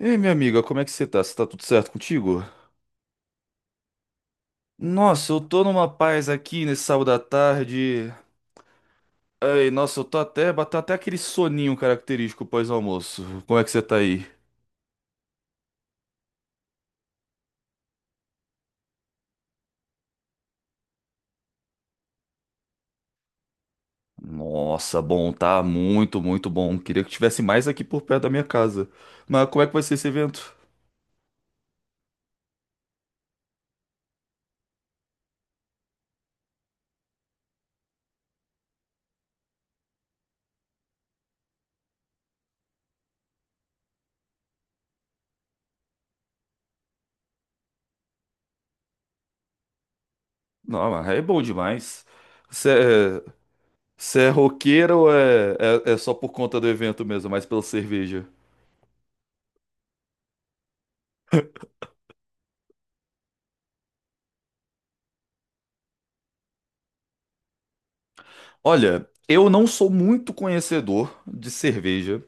Ei, minha amiga, como é que você tá? Você tá tudo certo contigo? Nossa, eu tô numa paz aqui nesse sábado à tarde. Ai, nossa, eu tô até, bateu até aquele soninho característico pós-almoço. Como é que você tá aí? Nossa, bom, tá muito, muito bom. Queria que tivesse mais aqui por perto da minha casa. Mas como é que vai ser esse evento? Não, mas é bom demais. Você é, você é roqueira ou é só por conta do evento mesmo, mais pela cerveja? Olha, eu não sou muito conhecedor de cerveja,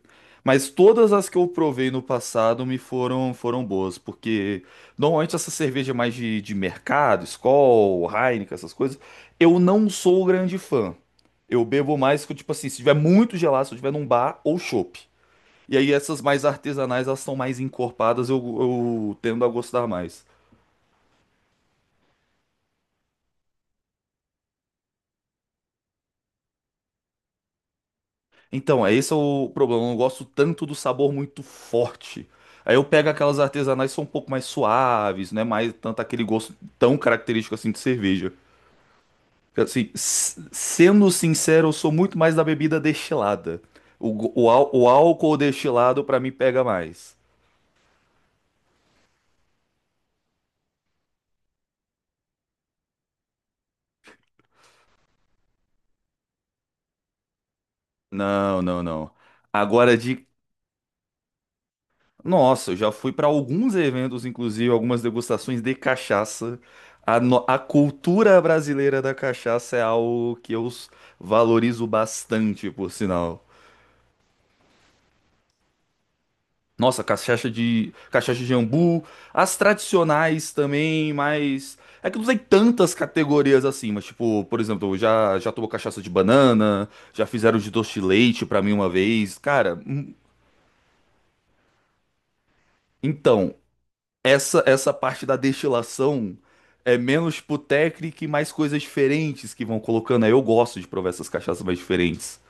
mas todas as que eu provei no passado me foram boas, porque normalmente essa cerveja mais de mercado, Skol, Heineken, essas coisas, eu não sou grande fã. Eu bebo mais que, tipo assim, se tiver muito gelado, se eu tiver num bar ou chopp. E aí essas mais artesanais, elas são mais encorpadas, eu tendo a gostar mais. Então, é esse é o problema. Eu não gosto tanto do sabor muito forte. Aí eu pego aquelas artesanais que são um pouco mais suaves, não é mais tanto aquele gosto tão característico assim de cerveja. Assim, sendo sincero, eu sou muito mais da bebida destilada. O, go- o, ál- o álcool destilado pra mim pega mais. Não, não, não. Agora de Nossa, eu já fui para alguns eventos, inclusive algumas degustações de cachaça. A, no- a cultura brasileira da cachaça é algo que eu valorizo bastante, por sinal. Nossa, cachaça de jambu, as tradicionais também, mas é que não tem tantas categorias assim, mas tipo, por exemplo, eu já tomou cachaça de banana, já fizeram de doce de leite pra mim uma vez. Cara, então essa parte da destilação é menos pro técnico e mais coisas diferentes que vão colocando. Aí eu gosto de provar essas cachaças mais diferentes.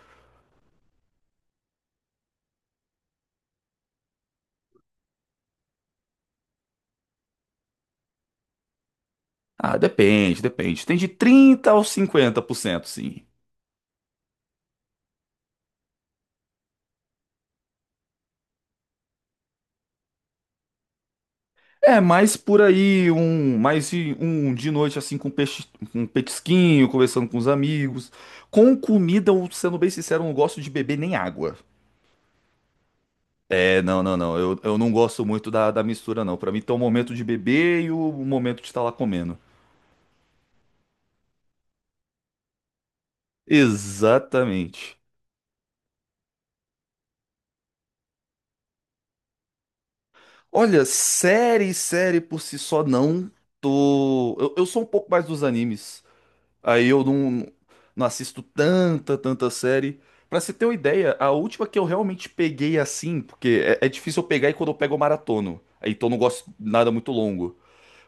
Ah, depende, depende. Tem de 30 aos cento sim. É, mais por aí, um de noite assim com peixe, um petisquinho, conversando com os amigos. Com comida, eu, sendo bem sincero, eu não gosto de beber nem água. É, não, não, não. Eu não gosto muito da mistura, não. Pra mim, tem o momento de beber e o momento de estar lá comendo. Exatamente. Olha, série, série por si só não tô. Eu sou um pouco mais dos animes. Aí eu não assisto tanta, tanta série. Pra você ter uma ideia, a última que eu realmente peguei assim, porque é difícil eu pegar e quando eu pego eu maratono. Aí então eu não gosto de nada muito longo.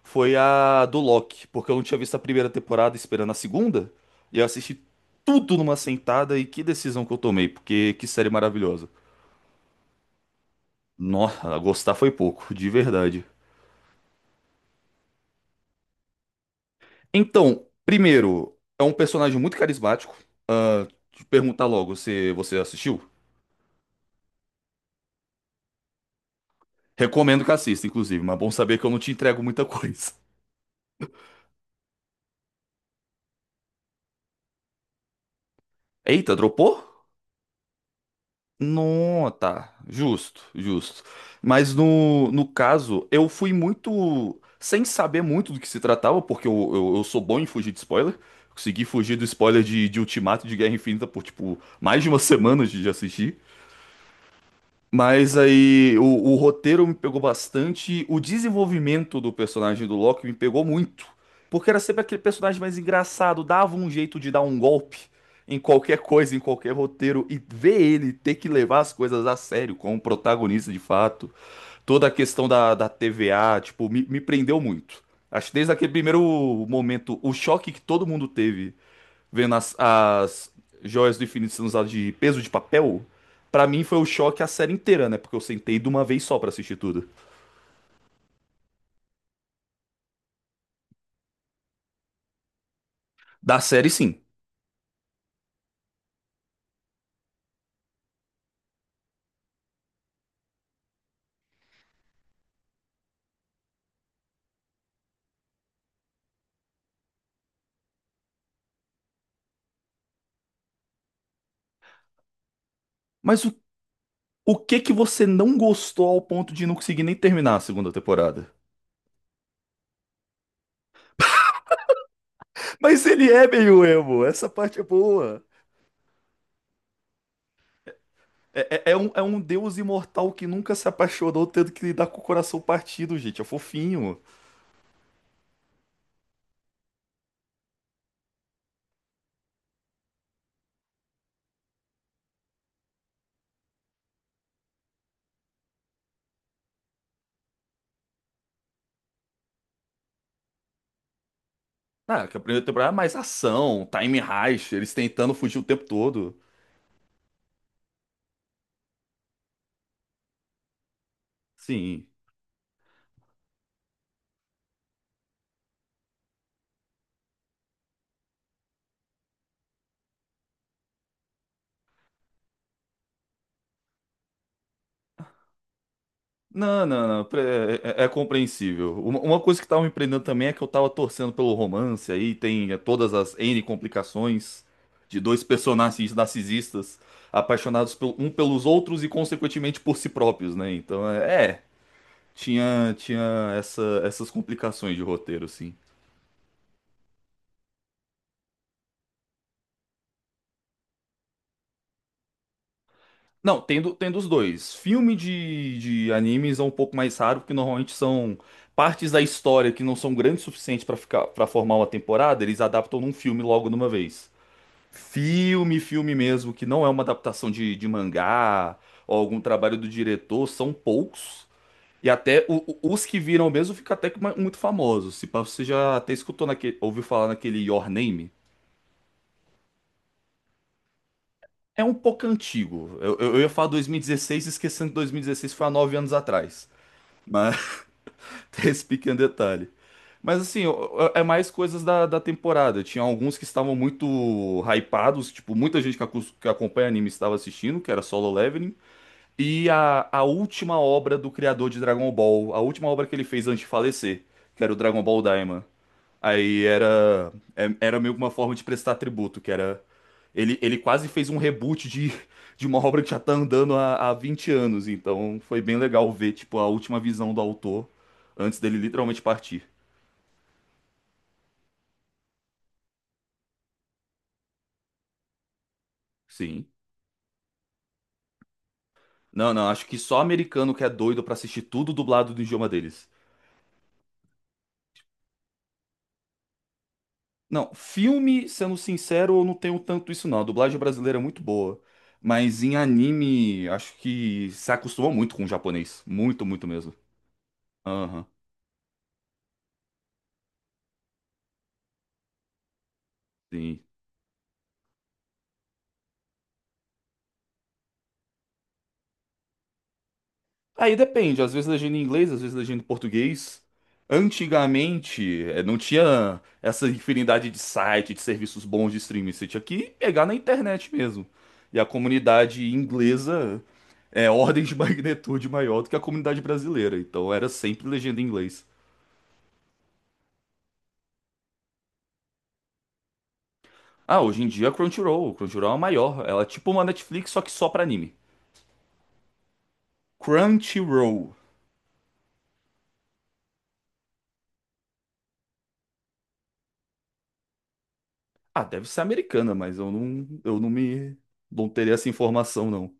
Foi a do Loki, porque eu não tinha visto a primeira temporada esperando a segunda. E eu assisti tudo numa sentada e que decisão que eu tomei, porque que série maravilhosa. Nossa, gostar foi pouco, de verdade. Então, primeiro, é um personagem muito carismático. Te perguntar logo se você assistiu. Recomendo que assista, inclusive, mas é bom saber que eu não te entrego muita coisa. Eita, dropou? Não, tá. Justo, justo. Mas no caso, eu fui muito. Sem saber muito do que se tratava, porque eu sou bom em fugir de spoiler. Consegui fugir do spoiler de Ultimato e de Guerra Infinita por, tipo, mais de uma semana de assistir. Mas aí o roteiro me pegou bastante, o desenvolvimento do personagem do Loki me pegou muito, porque era sempre aquele personagem mais engraçado, dava um jeito de dar um golpe em qualquer coisa, em qualquer roteiro, e ver ele ter que levar as coisas a sério como protagonista de fato, toda a questão da TVA, tipo, me prendeu muito. Acho que desde aquele primeiro momento, o choque que todo mundo teve vendo as joias do infinito sendo usadas de peso de papel, pra mim foi o choque a série inteira, né? Porque eu sentei de uma vez só pra assistir tudo. Da série, sim. Mas o que que você não gostou ao ponto de não conseguir nem terminar a segunda temporada? Mas ele é meio emo, essa parte é boa. É um deus imortal que nunca se apaixonou, tendo que lidar com o coração partido, gente. É fofinho. Ah, que a primeira temporada é mais ação, time heist, eles tentando fugir o tempo todo. Sim. Não, não, não. É compreensível. Uma coisa que tava me prendendo também é que eu tava torcendo pelo romance, aí tem todas as N complicações de dois personagens narcisistas apaixonados um pelos outros e, consequentemente, por si próprios, né? Então, tinha essas complicações de roteiro, sim. Não, tem dos dois. Filme de animes é um pouco mais raro, porque normalmente são partes da história que não são grandes o suficiente pra ficar, para formar uma temporada, eles adaptam num filme logo de uma vez. Filme, filme mesmo, que não é uma adaptação de mangá ou algum trabalho do diretor, são poucos. E até os que viram mesmo fica até que muito famosos. Se pá, você já até escutou naquele, ouviu falar naquele Your Name? É um pouco antigo. Eu ia falar 2016, esquecendo que 2016 foi há 9 anos atrás. Mas tem esse pequeno detalhe. Mas assim, é mais coisas da temporada. Tinha alguns que estavam muito hypados, tipo, muita gente que, que acompanha anime estava assistindo, que era Solo Leveling. E a última obra do criador de Dragon Ball, a última obra que ele fez antes de falecer, que era o Dragon Ball Daima. Aí era meio que uma forma de prestar tributo, que era. Ele quase fez um reboot de uma obra que já tá andando há 20 anos, então foi bem legal ver, tipo, a última visão do autor antes dele literalmente partir. Sim. Não, não, acho que só americano que é doido pra assistir tudo dublado do idioma deles. Não, filme, sendo sincero, eu não tenho tanto isso não. A dublagem brasileira é muito boa. Mas em anime, acho que se acostuma muito com o japonês. Muito, muito mesmo. Aham, sim. Aí depende, às vezes legenda em inglês, às vezes legenda em português. Antigamente, não tinha essa infinidade de sites, de serviços bons de streaming. Você tinha que pegar na internet mesmo. E a comunidade inglesa é ordens de magnitude maior do que a comunidade brasileira. Então era sempre legenda em inglês. Ah, hoje em dia é Crunchyroll. Crunchyroll é a maior. Ela é tipo uma Netflix, só que só pra anime. Crunchyroll. Ah, deve ser americana, mas eu não me, não teria essa informação, não.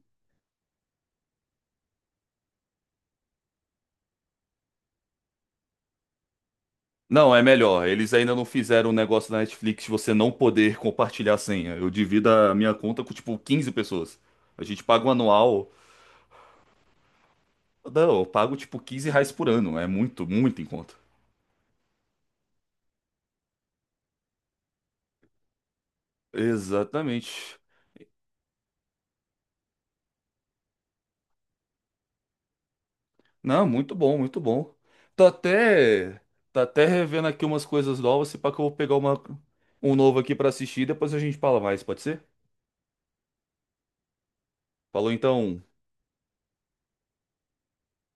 Não, é melhor. Eles ainda não fizeram um negócio da Netflix de você não poder compartilhar a senha. Eu divido a minha conta com, tipo, 15 pessoas. A gente paga um anual. Não, eu pago, tipo, R$ 15 por ano. É muito, muito em conta. Exatamente. Não, muito bom, muito bom. Tô até, tô até revendo aqui umas coisas novas, se pá que eu vou pegar um novo aqui pra assistir, depois a gente fala mais, pode ser? Falou então,